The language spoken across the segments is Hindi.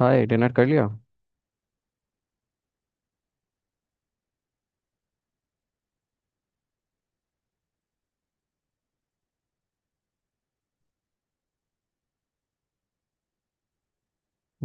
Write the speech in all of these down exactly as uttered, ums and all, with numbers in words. हाय, डिनर कर लिया।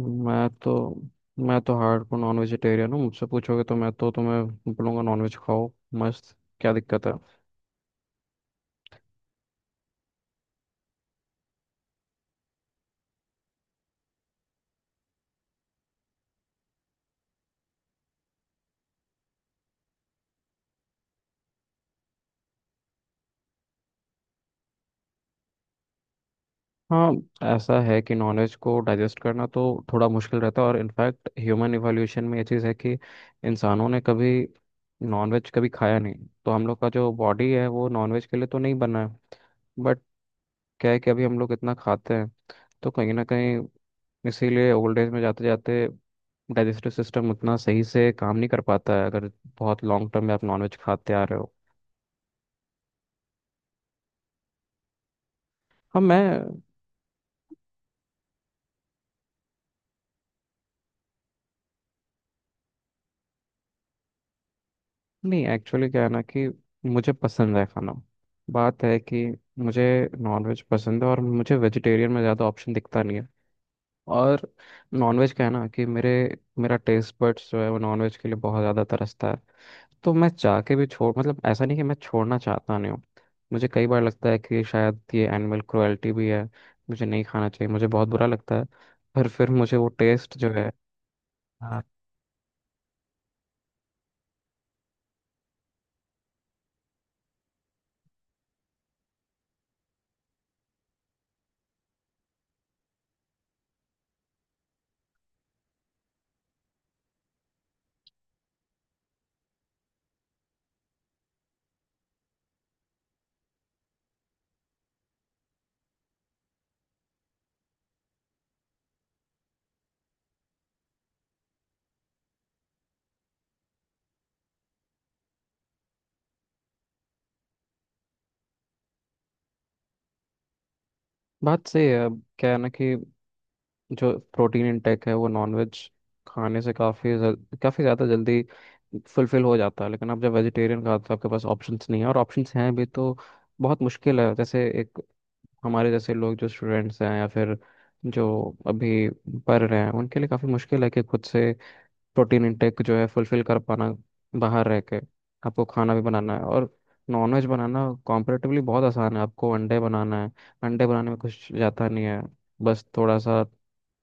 मैं तो मैं तो हार्डकोर नॉन वेजिटेरियन हूँ। मुझसे पूछोगे तो मैं तो तुम्हें बोलूँगा नॉन वेज खाओ, मस्त। क्या दिक्कत है? हाँ, ऐसा है कि नॉन वेज को डाइजेस्ट करना तो थोड़ा मुश्किल रहता है, और इनफैक्ट ह्यूमन इवोल्यूशन में ये चीज़ है कि इंसानों ने कभी नॉन वेज कभी खाया नहीं। तो हम लोग का जो बॉडी है वो नॉन वेज के लिए तो नहीं बना है। बट क्या है कि अभी हम लोग इतना खाते हैं, तो कहीं ना कहीं, इसीलिए ओल्ड एज में जाते जाते डाइजेस्टिव सिस्टम उतना सही से काम नहीं कर पाता है अगर बहुत लॉन्ग टर्म में आप नॉनवेज खाते आ रहे हो। हाँ मैं, नहीं एक्चुअली क्या है ना कि मुझे पसंद है खाना। बात है कि मुझे नॉनवेज पसंद है, और मुझे वेजिटेरियन में ज़्यादा ऑप्शन दिखता नहीं है। और नॉनवेज का है ना कि मेरे मेरा टेस्ट बड्स जो है वो नॉनवेज के लिए बहुत ज़्यादा तरसता है। तो मैं चाह के भी छोड़, मतलब ऐसा नहीं कि मैं छोड़ना चाहता नहीं हूँ। मुझे कई बार लगता है कि शायद ये एनिमल क्रुएल्टी भी है, मुझे नहीं खाना चाहिए, मुझे बहुत बुरा लगता है। पर फिर मुझे वो टेस्ट जो है। हाँ, बात सही है। अब क्या है ना कि जो प्रोटीन इनटेक है वो नॉनवेज खाने से काफ़ी काफ़ी ज़्यादा जल्दी फुलफिल हो जाता है। लेकिन आप जब वेजिटेरियन खाते हो आपके पास ऑप्शंस नहीं है, और ऑप्शंस हैं भी तो बहुत मुश्किल है। जैसे एक हमारे जैसे लोग जो स्टूडेंट्स हैं या फिर जो अभी पढ़ रहे हैं उनके लिए काफ़ी मुश्किल है कि खुद से प्रोटीन इंटेक जो है फुलफिल कर पाना। बाहर रह के आपको खाना भी बनाना है, और नॉनवेज बनाना कॉम्परेटिवली बहुत आसान है। आपको अंडे बनाना है, अंडे बनाने में कुछ जाता नहीं है। बस थोड़ा सा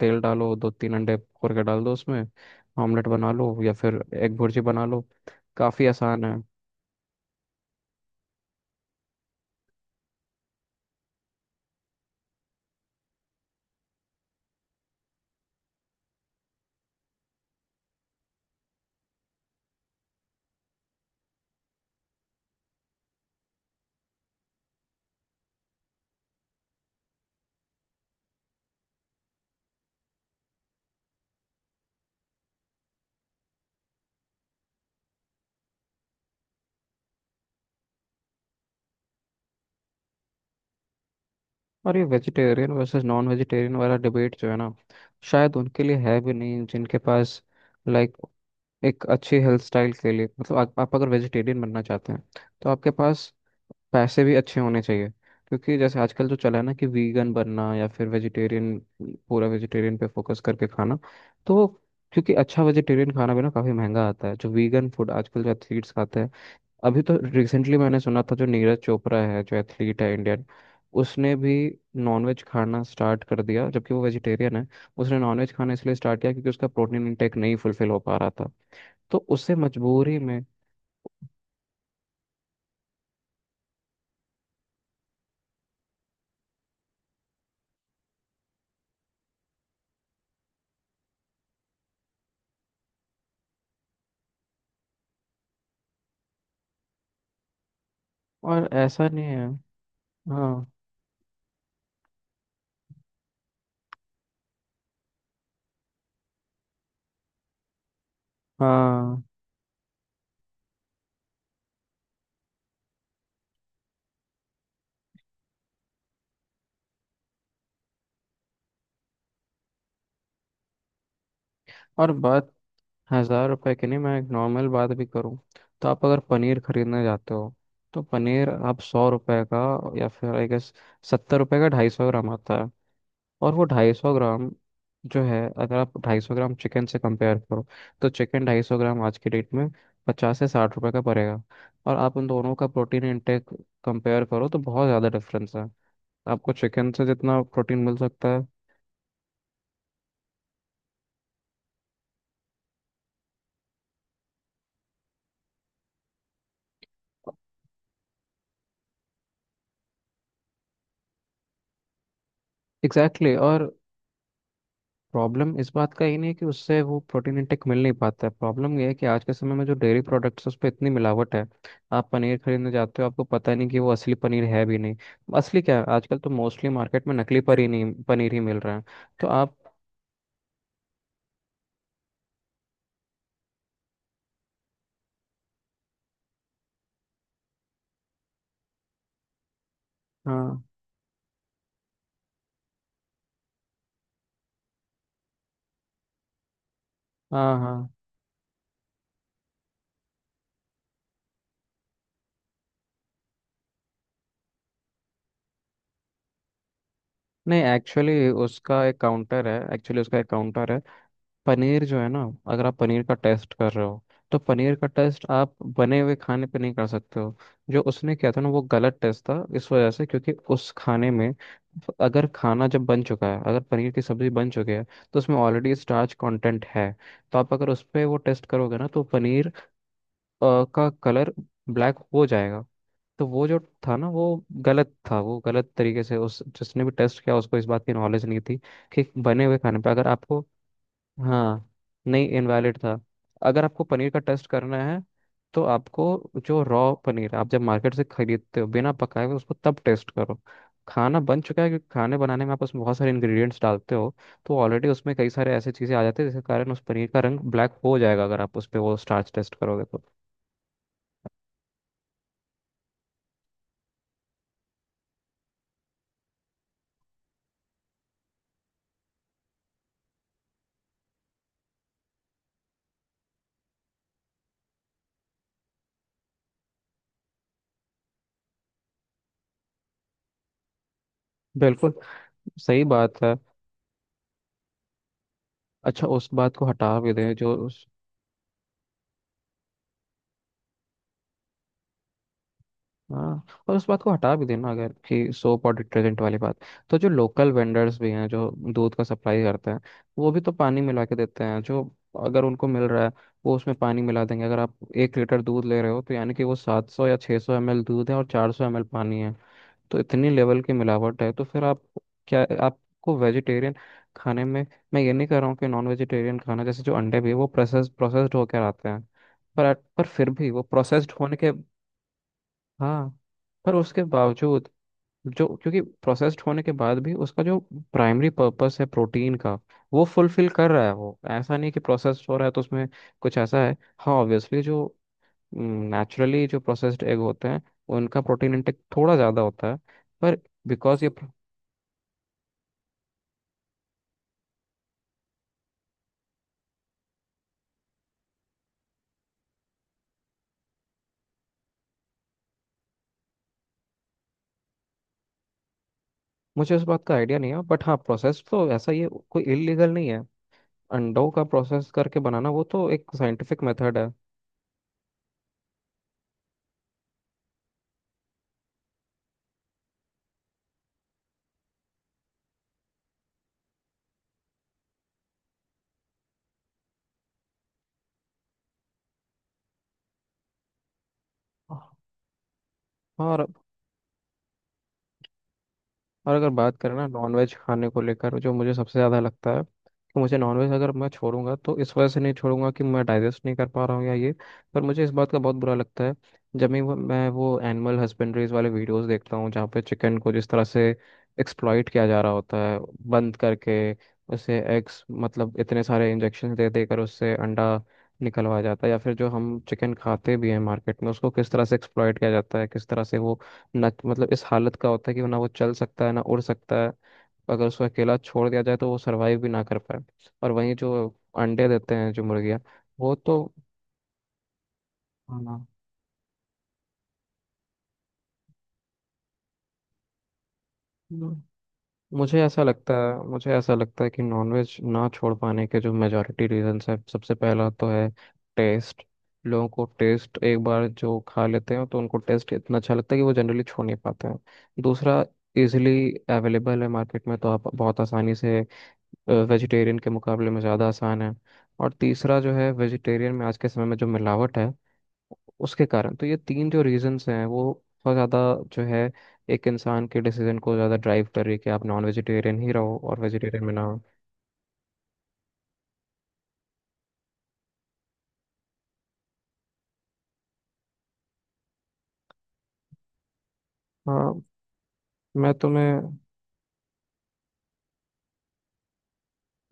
तेल डालो, दो तीन अंडे फोड़ के डाल दो उसमें, ऑमलेट बना लो या फिर एग भुर्जी बना लो, काफ़ी आसान है। और ये वेजिटेरियन वर्सेस नॉन वेजिटेरियन वाला डिबेट जो है ना, शायद उनके लिए है भी नहीं जिनके पास, लाइक एक अच्छी हेल्थ स्टाइल के लिए, मतलब आप, आप अगर वेजिटेरियन बनना चाहते हैं तो आपके पास पैसे भी अच्छे होने चाहिए। क्योंकि जैसे आजकल जो चला है ना कि वीगन बनना या फिर वेजिटेरियन, पूरा वेजिटेरियन पे फोकस करके खाना, तो क्योंकि अच्छा वेजिटेरियन खाना भी ना काफ़ी महंगा आता है। जो वीगन फूड आजकल जो एथलीट्स खाते हैं, अभी तो रिसेंटली मैंने सुना था जो नीरज चोपड़ा है जो एथलीट है इंडियन, उसने भी नॉनवेज खाना स्टार्ट कर दिया जबकि वो वेजिटेरियन है। उसने नॉनवेज खाना इसलिए स्टार्ट किया क्योंकि उसका प्रोटीन इंटेक नहीं फुलफिल हो पा रहा था, तो उससे मजबूरी में। और ऐसा नहीं है। हाँ। हाँ, और बात हजार रुपए की नहीं, मैं एक नॉर्मल बात भी करूँ तो आप अगर पनीर खरीदने जाते हो तो पनीर आप सौ रुपए का या फिर आई गेस सत्तर रुपए का ढाई सौ ग्राम आता है। और वो ढाई सौ ग्राम जो है अगर आप ढाई सौ ग्राम चिकन से कंपेयर करो, तो चिकन ढाई सौ ग्राम आज की डेट में पचास से साठ रुपए का पड़ेगा। और आप उन दोनों का प्रोटीन इंटेक कंपेयर करो तो बहुत ज़्यादा डिफरेंस है, आपको चिकन से जितना प्रोटीन मिल सकता है। Exactly exactly। और प्रॉब्लम इस बात का ही नहीं है कि उससे वो प्रोटीन इंटेक मिल नहीं पाता है, प्रॉब्लम ये है कि आज के समय में जो डेयरी प्रोडक्ट्स उस पर इतनी मिलावट है। आप पनीर खरीदने जाते हो आपको पता नहीं कि वो असली पनीर है भी नहीं। असली क्या है, आजकल तो मोस्टली मार्केट में नकली पनीर नहीं, पनीर ही मिल रहा है। तो आप, हाँ हाँ हाँ, नहीं एक्चुअली उसका एक काउंटर है। एक्चुअली उसका एक काउंटर है पनीर जो है ना, अगर आप पनीर का टेस्ट कर रहे हो तो पनीर का टेस्ट आप बने हुए खाने पे नहीं कर सकते हो। जो उसने किया था ना वो गलत टेस्ट था इस वजह से, क्योंकि उस खाने में, अगर खाना जब बन चुका है, अगर पनीर की सब्जी बन चुकी है तो उसमें ऑलरेडी स्टार्च कंटेंट है। तो आप अगर उस पर वो टेस्ट करोगे ना तो पनीर अ, का कलर ब्लैक हो जाएगा। तो वो जो था ना, वो गलत था, वो गलत तरीके से, उस जिसने भी टेस्ट किया उसको इस बात की नॉलेज नहीं थी कि बने हुए खाने पे अगर आपको, हाँ, नहीं इनवैलिड था। अगर आपको पनीर का टेस्ट करना है तो आपको, जो रॉ पनीर आप जब मार्केट से खरीदते हो बिना पकाए हुए, उसको तब टेस्ट करो। खाना बन चुका है क्योंकि खाने बनाने में आप उसमें बहुत सारे इंग्रेडिएंट्स डालते हो, तो ऑलरेडी उसमें कई सारे ऐसी चीज़ें आ जाती है जिसके कारण उस पनीर का रंग ब्लैक हो जाएगा अगर आप उस पर वो स्टार्च टेस्ट करोगे तो। बिल्कुल सही बात है। अच्छा, उस बात को हटा भी दें जो, हाँ, और उस बात को हटा भी देना अगर कि सोप और डिटर्जेंट वाली बात। तो जो लोकल वेंडर्स भी हैं जो दूध का सप्लाई करते हैं, वो भी तो पानी मिला के देते हैं। जो, अगर उनको मिल रहा है, वो उसमें पानी मिला देंगे। अगर आप एक लीटर दूध ले रहे हो तो यानी कि वो सात सौ या छः सौ एम एल दूध है और चार सौ एम एल पानी है। तो इतनी लेवल की मिलावट है तो फिर आप, क्या आपको वेजिटेरियन खाने में, मैं ये नहीं कह रहा हूँ कि नॉन वेजिटेरियन खाना जैसे जो अंडे भी है, वो प्रोसेस प्रोसेस्ड होकर आते हैं। पर पर फिर भी वो प्रोसेस्ड होने के, हाँ, पर उसके बावजूद जो, क्योंकि प्रोसेस्ड होने के बाद भी उसका जो प्राइमरी पर्पस है प्रोटीन का, वो फुलफिल कर रहा है। वो ऐसा नहीं कि प्रोसेस्ड हो रहा है तो उसमें कुछ ऐसा है। हाँ ऑब्वियसली जो नेचुरली जो प्रोसेस्ड एग होते हैं उनका प्रोटीन इंटेक थोड़ा ज़्यादा होता है। पर बिकॉज ये pro-, मुझे उस बात का आइडिया नहीं है बट हाँ, प्रोसेस्ड तो ऐसा ये कोई इलीगल नहीं है। अंडों का प्रोसेस करके बनाना वो तो एक साइंटिफिक मेथड है। हाँ। और और अगर बात करें ना नॉनवेज खाने को लेकर, जो मुझे सबसे ज़्यादा लगता है कि मुझे नॉनवेज अगर मैं छोड़ूंगा तो इस वजह से नहीं छोड़ूंगा कि मैं डाइजेस्ट नहीं कर पा रहा हूँ या ये, पर मुझे इस बात का बहुत बुरा लगता है जब भी वो- मैं वो एनिमल हस्बेंड्रीज वाले वीडियोस देखता हूँ, जहाँ पे चिकन को जिस तरह से एक्सप्लॉइट किया जा रहा होता है बंद करके, उसे एग्स, मतलब इतने सारे इंजेक्शन दे देकर उससे अंडा निकलवाया जाता है, या फिर जो हम चिकन खाते भी हैं मार्केट में उसको किस तरह से एक्सप्लॉइट किया जाता है, किस तरह से वो, ना मतलब इस हालत का होता है कि ना वो चल सकता है ना उड़ सकता है, अगर उसको अकेला छोड़ दिया जाए तो वो सरवाइव भी ना कर पाए। और वहीं जो अंडे देते हैं जो मुर्गियाँ, वो तो, हाँ, हम्म। मुझे ऐसा लगता है मुझे ऐसा लगता है कि नॉनवेज ना छोड़ पाने के जो मेजॉरिटी रीजंस है, सबसे पहला तो है टेस्ट। लोगों को टेस्ट एक बार जो खा लेते हैं तो उनको टेस्ट इतना अच्छा लगता है कि वो जनरली छोड़ नहीं पाते हैं। दूसरा, इजिली अवेलेबल है मार्केट में, तो आप बहुत आसानी से, वेजिटेरियन के मुकाबले में ज़्यादा आसान है। और तीसरा जो है वेजिटेरियन में आज के समय में जो मिलावट है उसके कारण। तो ये तीन जो रीजंस हैं वो बहुत ज़्यादा, जो है, एक इंसान के डिसीजन को ज़्यादा ड्राइव कर रही है कि आप नॉन वेजिटेरियन ही रहो और वेजिटेरियन में ना हो। हाँ। मैं तुम्हें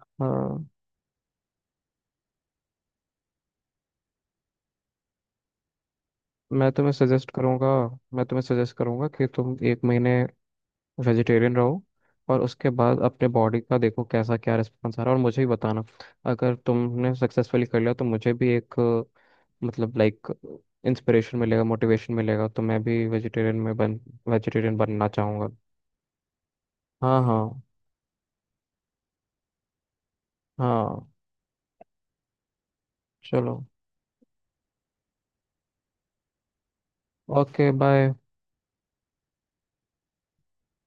हाँ, मैं तुम्हें सजेस्ट करूँगा। मैं तुम्हें सजेस्ट करूँगा कि तुम एक महीने वेजिटेरियन रहो, और उसके बाद अपने बॉडी का देखो कैसा क्या रिस्पॉन्स आ रहा है, और मुझे भी बताना। अगर तुमने सक्सेसफुली कर लिया तो मुझे भी एक, मतलब लाइक, इंस्पिरेशन मिलेगा, मोटिवेशन मिलेगा, तो मैं भी वेजिटेरियन में बन, वेजिटेरियन बनना चाहूँगा। हाँ हाँ। हाँ, चलो, ओके बाय।